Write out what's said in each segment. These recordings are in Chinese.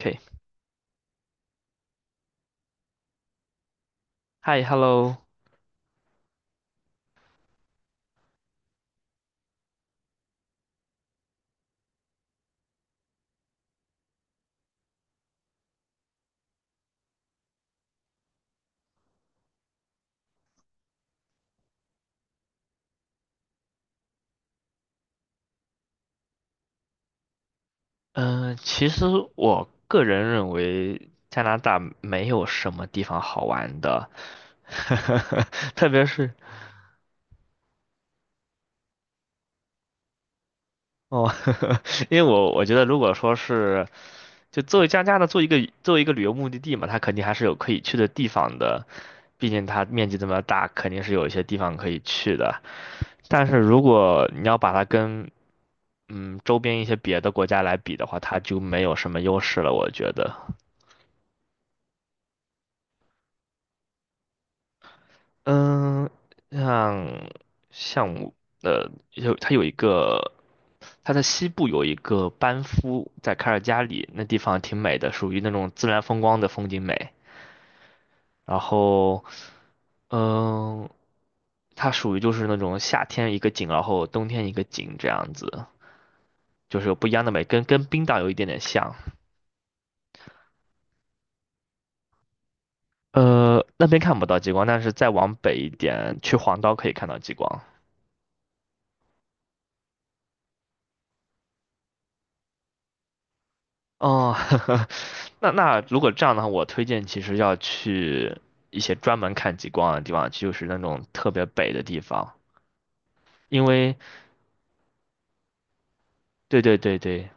OK，嗨，Hello，嗯、其实我个人认为加拿大没有什么地方好玩的，特别是哦，因为我觉得如果说是就作为加拿大做一个作为一个旅游目的地嘛，它肯定还是有可以去的地方的，毕竟它面积这么大，肯定是有一些地方可以去的。但是如果你要把它跟周边一些别的国家来比的话，它就没有什么优势了，我觉得。嗯，像像我有它有一个，它在西部有一个班夫，在卡尔加里那地方挺美的，属于那种自然风光的风景美。然后，嗯，它属于就是那种夏天一个景，然后冬天一个景这样子，就是有不一样的美，跟冰岛有一点点像。那边看不到极光，但是再往北一点，去黄岛可以看到极光。哦，那如果这样的话，我推荐其实要去一些专门看极光的地方，就是那种特别北的地方，因为对对对对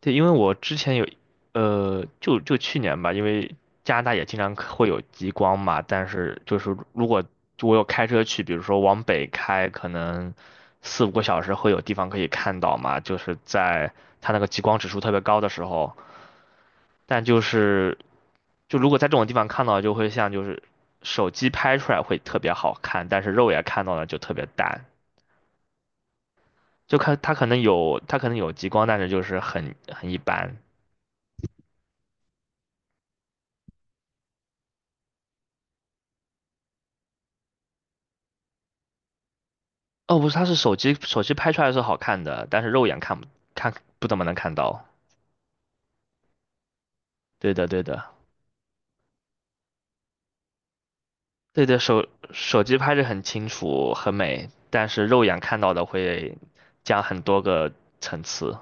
对，因为我之前有，就去年吧，因为加拿大也经常可会有极光嘛，但是就是如果我有开车去，比如说往北开，可能四五个小时会有地方可以看到嘛，就是在它那个极光指数特别高的时候。但就是就如果在这种地方看到，就会像就是手机拍出来会特别好看，但是肉眼看到的就特别淡。就看它可能有极光，但是就是很一般。哦，不是，它是手机拍出来是好看的，但是肉眼看不怎么能看到。对的，对的，对的，手机拍着很清楚很美，但是肉眼看到的会加很多个层次。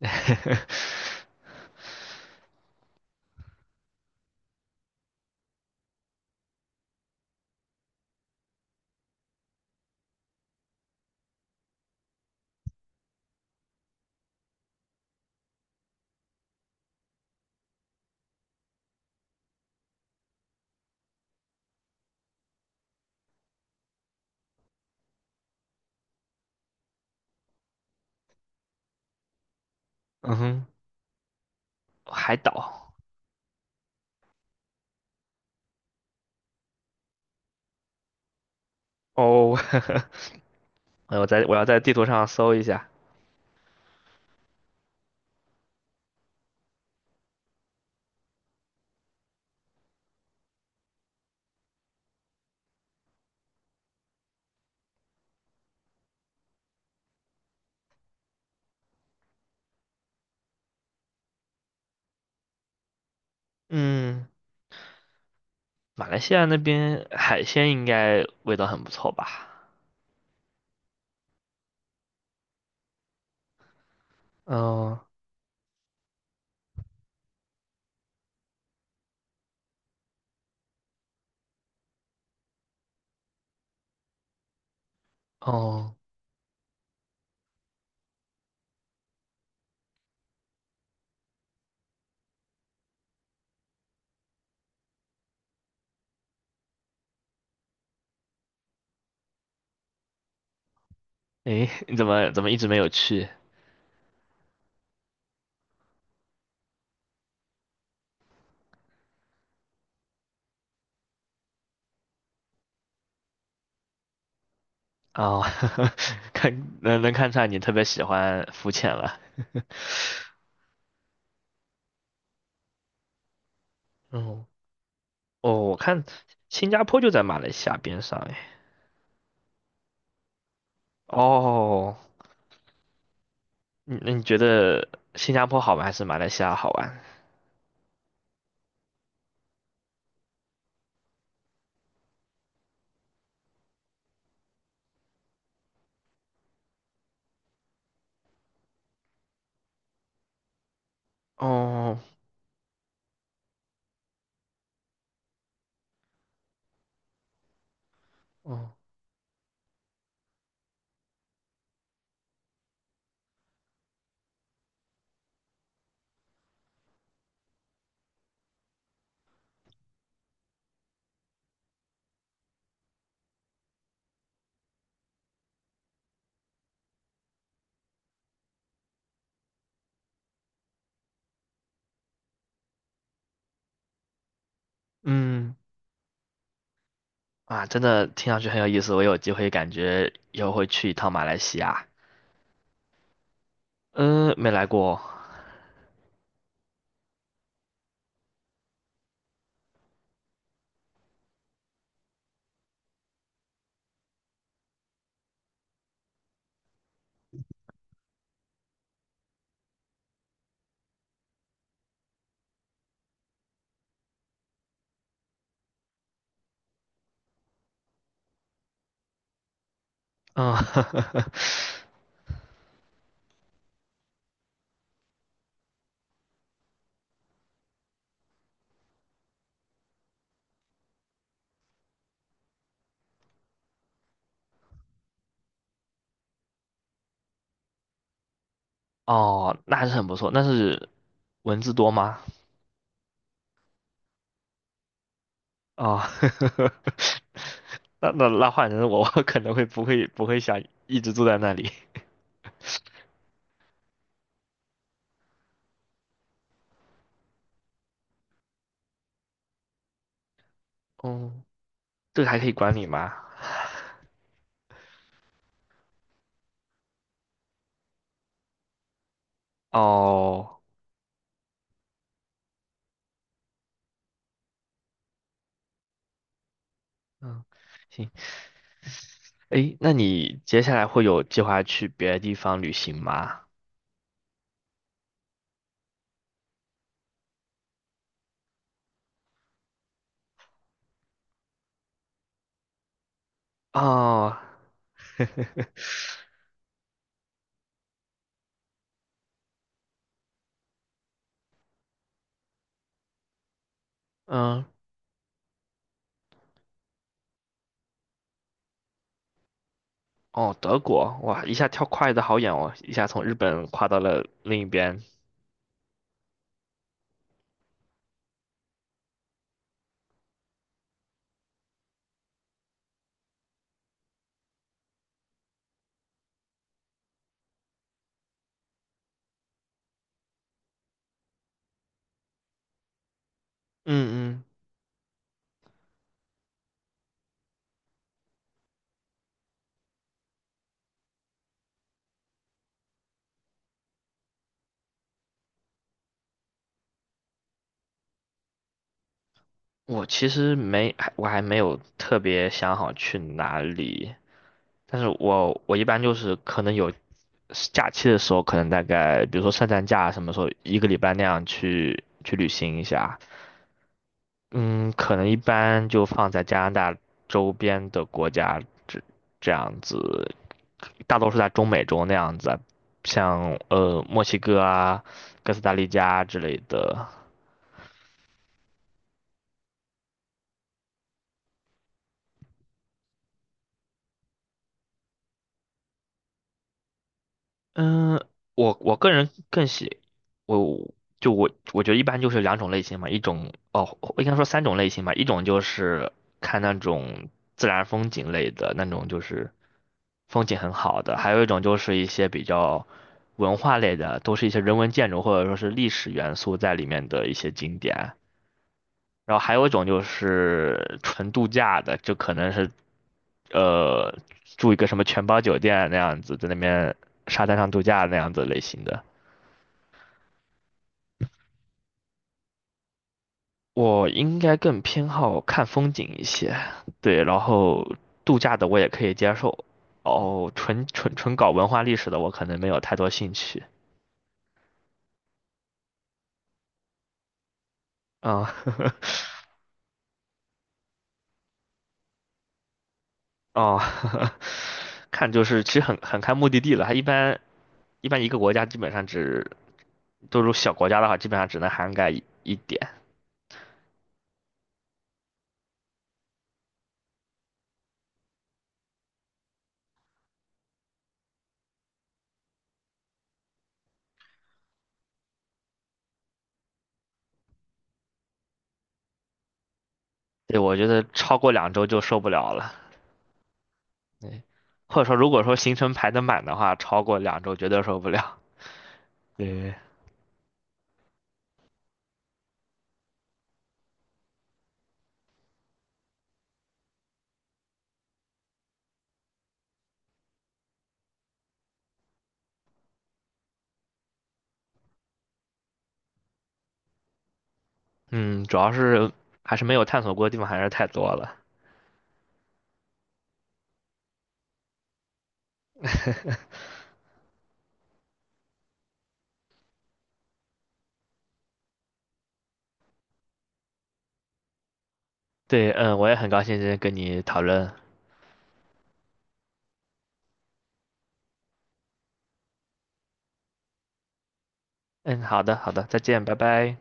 嗯哼，海岛哦，我要在地图上搜一下。嗯，马来西亚那边海鲜应该味道很不错吧？哦哦，诶，你怎么一直没有去？哦，看能看出来你特别喜欢浮潜了。嗯，哦，我看新加坡就在马来西亚边上诶。哦，你觉得新加坡好玩还是马来西亚好玩？哦哦，嗯啊，真的听上去很有意思，我有机会感觉以后会去一趟马来西亚。嗯，没来过。嗯，哦，那还是很不错。那是文字多吗？哦，那换成我，我可能会不会不会想一直住在那里。哦，这个还可以管理吗？哦，嗯，行。诶，那你接下来会有计划去别的地方旅行吗？哦，嗯，哦，德国，哇，一下跳跨的好远哦，一下从日本跨到了另一边。嗯嗯。我其实没，还我还没有特别想好去哪里，但是我一般就是可能有假期的时候，可能大概比如说圣诞假什么时候一个礼拜那样去旅行一下，嗯，可能一般就放在加拿大周边的国家这这样子，大多数在中美洲那样子啊像墨西哥啊、哥斯达黎加之类的。嗯，我我个人更喜，我我觉得一般就是两种类型嘛，一种哦，应该说三种类型吧，一种就是看那种自然风景类的那种，就是风景很好的，还有一种就是一些比较文化类的，都是一些人文建筑或者说是历史元素在里面的一些景点。然后还有一种就是纯度假的，就可能是呃住一个什么全包酒店那样子，在那边沙滩上度假那样子类型的。我应该更偏好看风景一些，对，然后度假的我也可以接受，哦，纯纯纯搞文化历史的我可能没有太多兴趣。啊、哦，看就是其实很看目的地了，它一般一般一个国家基本上只，都是小国家的话，基本上只能涵盖一点。对，我觉得超过两周就受不了了。对，或者说如果说行程排得满的话，超过两周绝对受不了。对，嗯，主要是还是没有探索过的地方还是太多了。对，嗯，我也很高兴今天跟你讨论。嗯，好的，好的，再见，拜拜。